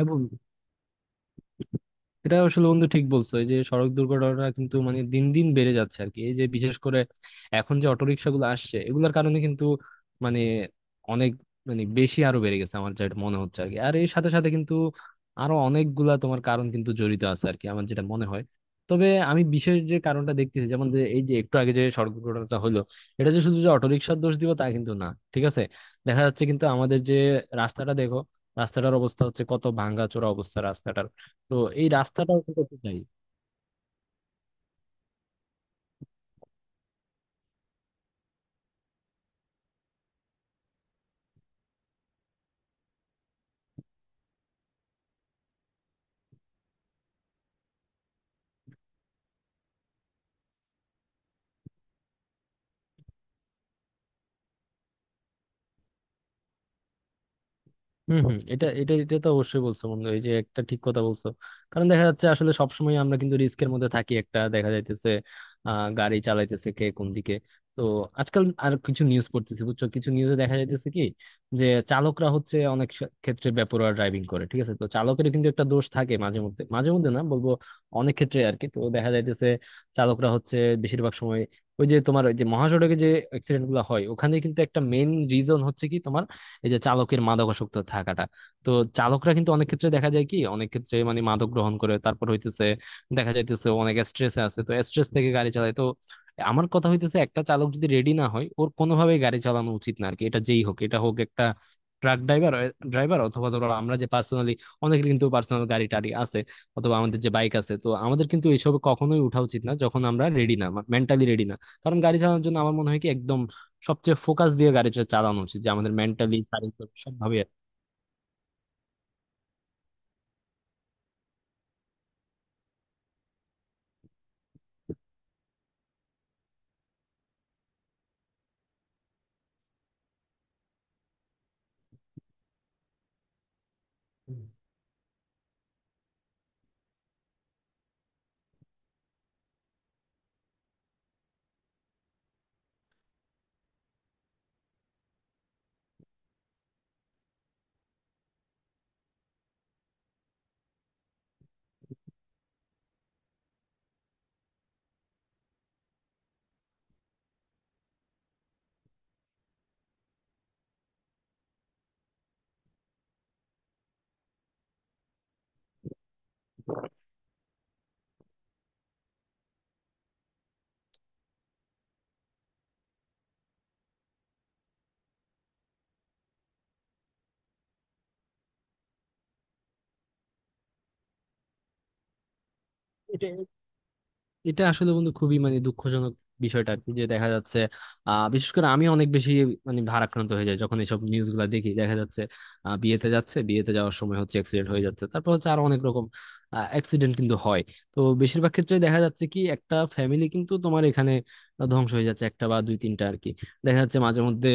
এবং এটা আসলে বন্ধু ঠিক বলছো। এই যে সড়ক দুর্ঘটনা কিন্তু মানে দিন দিন বেড়ে যাচ্ছে আর কি। এই যে বিশেষ করে এখন যে অটোরিকশা গুলো আসছে এগুলোর কারণে কিন্তু মানে অনেক মানে বেশি আরো বেড়ে গেছে আমার যেটা মনে হচ্ছে আর কি। আর এর সাথে সাথে কিন্তু আরো অনেকগুলা তোমার কারণ কিন্তু জড়িত আছে আর কি আমার যেটা মনে হয়। তবে আমি বিশেষ যে কারণটা দেখতেছি যেমন যে এই যে একটু আগে যে সড়ক দুর্ঘটনাটা হলো, এটা যে শুধু যে অটোরিকশার দোষ দিব তা কিন্তু না, ঠিক আছে। দেখা যাচ্ছে কিন্তু আমাদের যে রাস্তাটা দেখো, রাস্তাটার অবস্থা হচ্ছে কত ভাঙা চোরা অবস্থা। তো এই রাস্তাটাও কিন্তু একটু চাই। হম, হম, এটা এটা এটা তো অবশ্যই বলছো বন্ধু, এই যে একটা ঠিক কথা বলছো। কারণ দেখা যাচ্ছে আসলে সবসময় আমরা কিন্তু রিস্কের মধ্যে থাকি, একটা দেখা যাইতেছে গাড়ি চালাইতেছে কে কোন দিকে। তো আজকাল আর কিছু নিউজ পড়তেছি বুঝছো, কিছু নিউজে দেখা যাইতেছে কি যে চালকরা হচ্ছে অনেক ক্ষেত্রে বেপরোয়া ড্রাইভিং করে, ঠিক আছে। তো চালকের কিন্তু একটা দোষ থাকে মাঝে মধ্যে না বলবো অনেক ক্ষেত্রে আর কি। তো দেখা যাইতেছে চালকরা হচ্ছে বেশিরভাগ সময় ওই যে তোমার ওই যে মহাসড়কে যে অ্যাক্সিডেন্ট গুলো হয় ওখানে কিন্তু একটা মেইন রিজন হচ্ছে কি তোমার এই যে চালকের মাদকাসক্ত থাকাটা। তো চালকরা কিন্তু অনেক ক্ষেত্রে দেখা যায় কি, অনেক ক্ষেত্রে মানে মাদক গ্রহণ করে তারপর হইতেছে, দেখা যাইতেছে অনেক স্ট্রেসে আছে, তো স্ট্রেস থেকে গাড়ি চালায়। তো আমার কথা হইতেছে একটা চালক যদি রেডি না হয় ওর কোনোভাবেই গাড়ি চালানো উচিত না আর কি। এটা যেই হোক, এটা হোক একটা ট্রাক ড্রাইভার ড্রাইভার অথবা ধরো আমরা যে পার্সোনালি, অনেকের কিন্তু পার্সোনাল গাড়ি টাড়ি আছে অথবা আমাদের যে বাইক আছে, তো আমাদের কিন্তু এইসব কখনোই উঠা উচিত না যখন আমরা রেডি না, মেন্টালি রেডি না। কারণ গাড়ি চালানোর জন্য আমার মনে হয় কি একদম সবচেয়ে ফোকাস দিয়ে গাড়িটা চালানো উচিত, যে আমাদের মেন্টালি, শারীরিক সবভাবে আর কি। এটা এটা আসলে বন্ধু খুবই মানে দুঃখজনক বিষয়টা আর কি, যে দেখা যাচ্ছে বিশেষ করে আমি অনেক বেশি মানে ভারাক্রান্ত হয়ে যায় যখন এইসব নিউজ গুলা দেখি। দেখা যাচ্ছে বিয়েতে যাচ্ছে, বিয়েতে যাওয়ার সময় হচ্ছে অ্যাক্সিডেন্ট হয়ে যাচ্ছে, তারপর হচ্ছে আরো অনেক রকম অ্যাক্সিডেন্ট কিন্তু হয়। তো বেশিরভাগ ক্ষেত্রে দেখা যাচ্ছে কি একটা ফ্যামিলি কিন্তু তোমার এখানে ধ্বংস হয়ে যাচ্ছে, একটা বা দুই তিনটা আর কি। দেখা যাচ্ছে মাঝে মধ্যে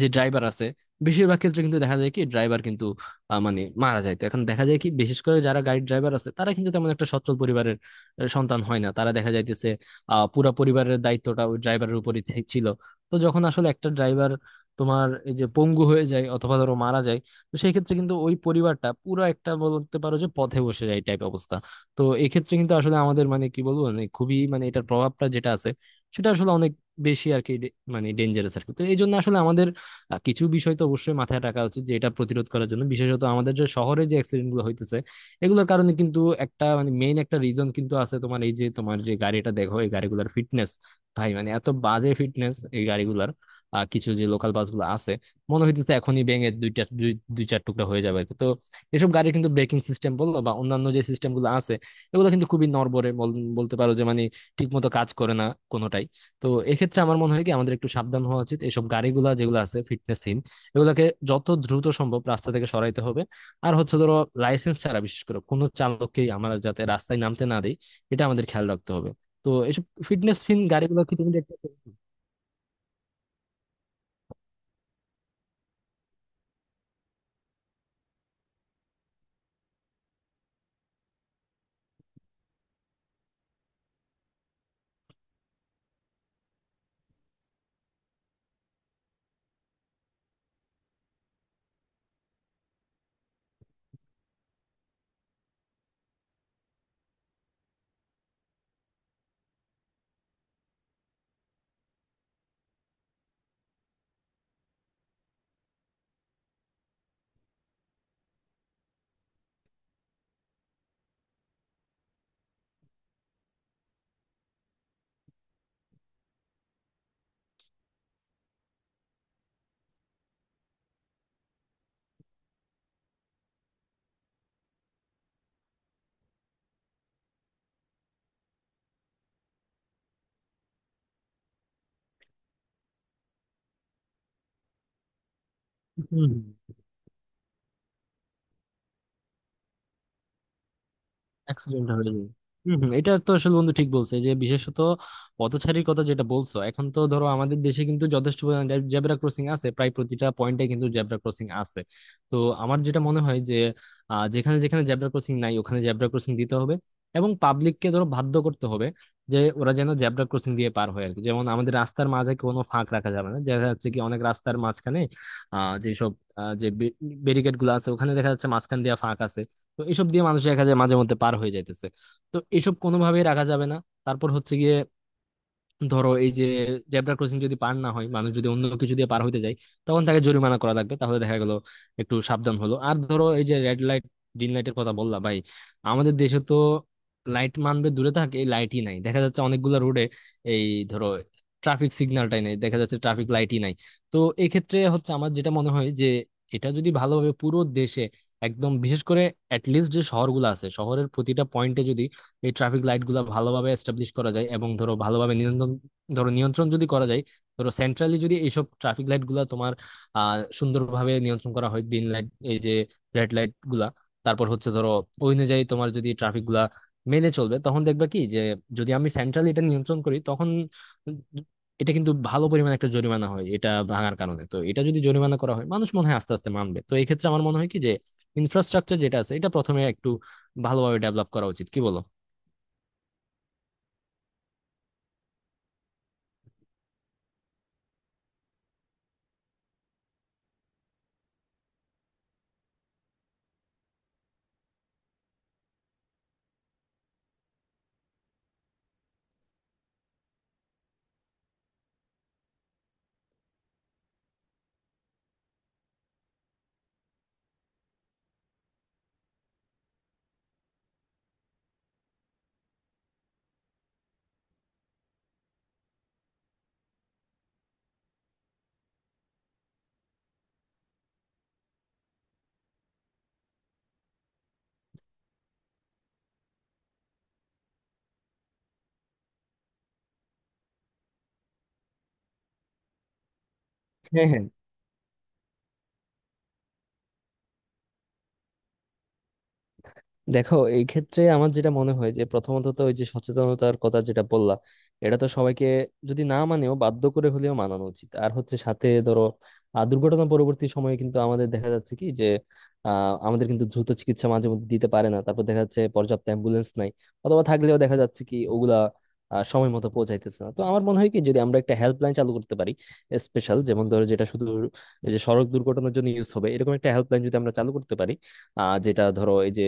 যে ড্রাইভার আছে বেশিরভাগ ক্ষেত্রে কিন্তু দেখা যায় কি ড্রাইভার কিন্তু মানে মারা যায়। তো এখন দেখা যায় কি বিশেষ করে যারা গাড়ি ড্রাইভার আছে তারা কিন্তু তেমন একটা সচ্ছল পরিবারের সন্তান হয় না, তারা দেখা যাইতেছে পুরা পরিবারের দায়িত্বটা ওই ড্রাইভারের উপরই ছিল। তো যখন আসলে একটা ড্রাইভার তোমার এই যে পঙ্গু হয়ে যায় অথবা ধরো মারা যায়, তো সেই ক্ষেত্রে কিন্তু ওই পরিবারটা পুরো, একটা বলতে পারো যে পথে বসে যায় টাইপ অবস্থা। তো এক্ষেত্রে কিন্তু আসলে আমাদের মানে কি বলবো, মানে খুবই মানে এটার প্রভাবটা যেটা আছে সেটা আসলে অনেক বেশি আর কি, মানে ডেঞ্জারাস আর কি। তো এই জন্য আসলে আমাদের কিছু বিষয় তো অবশ্যই মাথায় রাখা উচিত যে এটা প্রতিরোধ করার জন্য। বিশেষত আমাদের যে শহরে যে অ্যাক্সিডেন্ট গুলো হইতেছে এগুলোর কারণে কিন্তু একটা মানে মেইন একটা রিজন কিন্তু আছে তোমার, এই যে তোমার যে গাড়িটা দেখো এই গাড়িগুলোর ফিটনেস, ভাই মানে এত বাজে ফিটনেস এই গাড়িগুলোর। কিছু যে লোকাল বাসগুলো আছে মনে হইতেছে এখনই ভেঙে দুইটা দুই দুই চার টুকরা হয়ে যাবে আর কি। তো এসব গাড়ির কিন্তু ব্রেকিং সিস্টেম বলো বা অন্যান্য যে সিস্টেম গুলো আছে এগুলো কিন্তু খুবই নড়বড়ে, বলতে পারো যে মানে ঠিক মতো কাজ করে না কোনোটাই। তো এক্ষেত্রে আমার মনে হয় কি আমাদের একটু সাবধান হওয়া উচিত, এইসব গাড়িগুলা যেগুলো আছে ফিটনেসহীন এগুলাকে যত দ্রুত সম্ভব রাস্তা থেকে সরাইতে হবে। আর হচ্ছে ধরো লাইসেন্স ছাড়া বিশেষ করে কোনো চালককেই আমরা যাতে রাস্তায় নামতে না দেই, এটা আমাদের খেয়াল রাখতে হবে। তো এইসব ফিটনেসহীন গাড়িগুলো কি তুমি দেখতে হম অ্যাক্সিডেন্ট হয়ে যায়। হম, হম, এটা তো আসলে বন্ধু ঠিক বলছে যে বিশেষত পথচারীর কথা যেটা বলছো। এখন তো ধরো আমাদের দেশে কিন্তু যথেষ্ট জেব্রা ক্রসিং আছে, প্রায় প্রতিটা পয়েন্টে কিন্তু জেব্রা ক্রসিং আছে। তো আমার যেটা মনে হয় যে যেখানে যেখানে জেব্রা ক্রসিং নাই ওখানে জেব্রা ক্রসিং দিতে হবে এবং পাবলিককে ধরো বাধ্য করতে হবে যে ওরা যেন জেব্রা ক্রসিং দিয়ে পার হয় আর কি। যেমন আমাদের রাস্তার মাঝে কোনো ফাঁক রাখা যাবে না, দেখা যাচ্ছে কি অনেক রাস্তার মাঝখানে আহ যেসব যে ব্যারিকেড গুলো আছে ওখানে দেখা যাচ্ছে মাঝখান দিয়ে ফাঁক আছে। তো এসব দিয়ে মানুষ দেখা যায় মাঝে মধ্যে পার হয়ে যাইতেছে, তো এসব কোনোভাবেই রাখা যাবে না। তারপর হচ্ছে গিয়ে ধরো এই যে জেব্রা ক্রসিং যদি পার না হয় মানুষ, যদি অন্য কিছু দিয়ে পার হইতে যায় তখন তাকে জরিমানা করা লাগবে, তাহলে দেখা গেল একটু সাবধান হলো। আর ধরো এই যে রেড লাইট, গ্রিন লাইটের কথা বললাম, ভাই আমাদের দেশে তো লাইট মানবে দূরে থাকে, এই লাইটই নাই দেখা যাচ্ছে অনেকগুলা রোডে, এই ধরো ট্রাফিক সিগন্যালটাই নাই দেখা যাচ্ছে, ট্রাফিক লাইটই নাই। তো এক্ষেত্রে হচ্ছে আমার যেটা মনে হয় যে এটা যদি ভালোভাবে পুরো দেশে একদম বিশেষ করে অ্যাটলিস্ট যে শহরগুলো আছে শহরের প্রতিটা পয়েন্টে যদি এই ট্রাফিক লাইট গুলা ভালোভাবে এস্টাবলিশ করা যায় এবং ধরো ভালোভাবে নিয়ন্ত্রণ, ধরো নিয়ন্ত্রণ যদি করা যায়, ধরো সেন্ট্রালি যদি এইসব ট্রাফিক লাইট গুলা তোমার সুন্দরভাবে নিয়ন্ত্রণ করা হয় গ্রিন লাইট এই যে রেড লাইট গুলা, তারপর হচ্ছে ধরো ওই অনুযায়ী তোমার যদি ট্রাফিক গুলা মেনে চলবে, তখন দেখবা কি যে যদি আমি সেন্ট্রালি এটা নিয়ন্ত্রণ করি তখন এটা কিন্তু ভালো পরিমাণ একটা জরিমানা হয় এটা ভাঙার কারণে। তো এটা যদি জরিমানা করা হয় মানুষ মনে হয় আস্তে আস্তে মানবে। তো এই ক্ষেত্রে আমার মনে হয় কি যে ইনফ্রাস্ট্রাকচার যেটা আছে এটা প্রথমে একটু ভালোভাবে ডেভেলপ করা উচিত, কি বলো? হ্যাঁ, হ্যাঁ, দেখো এই ক্ষেত্রে আমার যেটা মনে হয় যে প্রথমত তো ওই যে সচেতনতার কথা যেটা বললাম এটা তো সবাইকে যদি না মানেও বাধ্য করে হলেও মানানো উচিত। আর হচ্ছে সাথে ধরো দুর্ঘটনা পরবর্তী সময়ে কিন্তু আমাদের দেখা যাচ্ছে কি যে আমাদের কিন্তু দ্রুত চিকিৎসা মাঝে মধ্যে দিতে পারে না, তারপর দেখা যাচ্ছে পর্যাপ্ত অ্যাম্বুলেন্স নাই অথবা থাকলেও দেখা যাচ্ছে কি ওগুলা সময় মতো পৌঁছাইতেছে না। তো আমার মনে হয় কি যদি আমরা একটা হেল্পলাইন চালু করতে পারি স্পেশাল, যেমন ধরো যেটা শুধু এই যে সড়ক দুর্ঘটনার জন্য ইউজ হবে, এরকম একটা হেল্পলাইন যদি আমরা চালু করতে পারি যেটা ধরো এই যে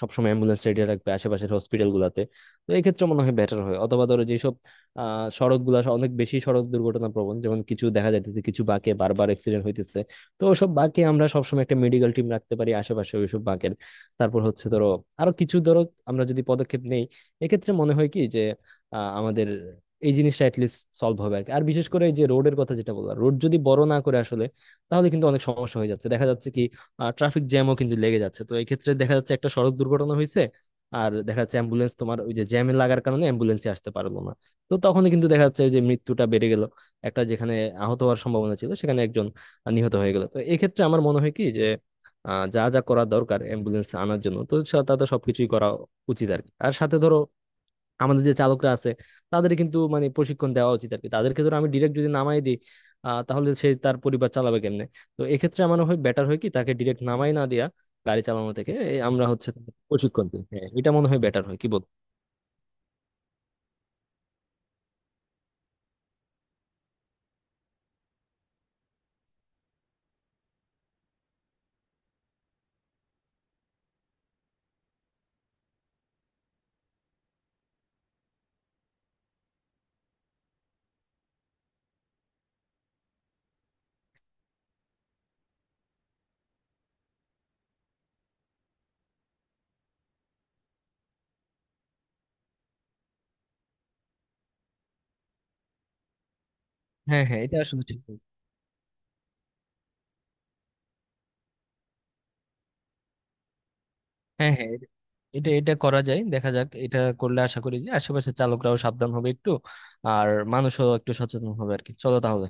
সবসময় অ্যাম্বুলেন্স রেডি রাখবে আশেপাশের হসপিটাল গুলাতে, তো এই ক্ষেত্রে মনে হয় বেটার হয়। অথবা ধরো যেসব আহ সড়ক গুলা অনেক বেশি সড়ক দুর্ঘটনা প্রবণ, যেমন কিছু দেখা যাইতেছে কিছু বাঁকে বারবার অ্যাক্সিডেন্ট হইতেছে, তো ওসব বাঁকে আমরা সবসময় একটা মেডিকেল টিম রাখতে পারি আশেপাশে ওইসব বাঁকের। তারপর হচ্ছে ধরো আরো কিছু ধরো আমরা যদি পদক্ষেপ নেই এক্ষেত্রে মনে হয় কি যে আমাদের এই জিনিসটা লিস্ট সলভ হবে আর কি। আর বিশেষ করে এই যে রোডের কথা যেটা বললাম, রোড যদি বড় না করে আসলে, তাহলে কিন্তু অনেক সমস্যা হয়ে যাচ্ছে, দেখা যাচ্ছে কি ট্রাফিক জ্যামও কিন্তু লেগে যাচ্ছে। তো এই ক্ষেত্রে দেখা যাচ্ছে একটা সড়ক দুর্ঘটনা হয়েছে আর দেখা যাচ্ছে অ্যাম্বুলেন্স তোমার ওই যে জ্যামে লাগার কারণে অ্যাম্বুলেন্সে আসতে পারলো না। তো তখনই কিন্তু দেখা যাচ্ছে ওই যে মৃত্যুটা বেড়ে গেল, একটা যেখানে আহত হওয়ার সম্ভাবনা ছিল সেখানে একজন নিহত হয়ে গেল। তো এক্ষেত্রে আমার মনে হয় কি যে যা যা করা দরকার অ্যাম্বুলেন্স আনার জন্য তো তাদের সবকিছুই করা উচিত আর কি। আর সাথে ধরো আমাদের যে চালকরা আছে তাদের কিন্তু মানে প্রশিক্ষণ দেওয়া উচিত আর কি, তাদেরকে ধরো আমি ডিরেক্ট যদি নামাই দিই তাহলে সে তার পরিবার চালাবে কেমনে। তো এক্ষেত্রে আমার হয় বেটার হয় কি তাকে ডিরেক্ট নামাই না দেয়া গাড়ি চালানো থেকে, এই আমরা হচ্ছে তাকে প্রশিক্ষণ দিই, হ্যাঁ এটা মনে হয় বেটার হয়, কি বল? হ্যাঁ, হ্যাঁ, এটা আসলে ঠিক বলছো। হ্যাঁ, হ্যাঁ, এটা এটা এটা করা যায়, দেখা যাক এটা করলে আশা করি যে আশেপাশের চালকরাও সাবধান হবে একটু আর মানুষও একটু সচেতন হবে আর কি। চলো তাহলে।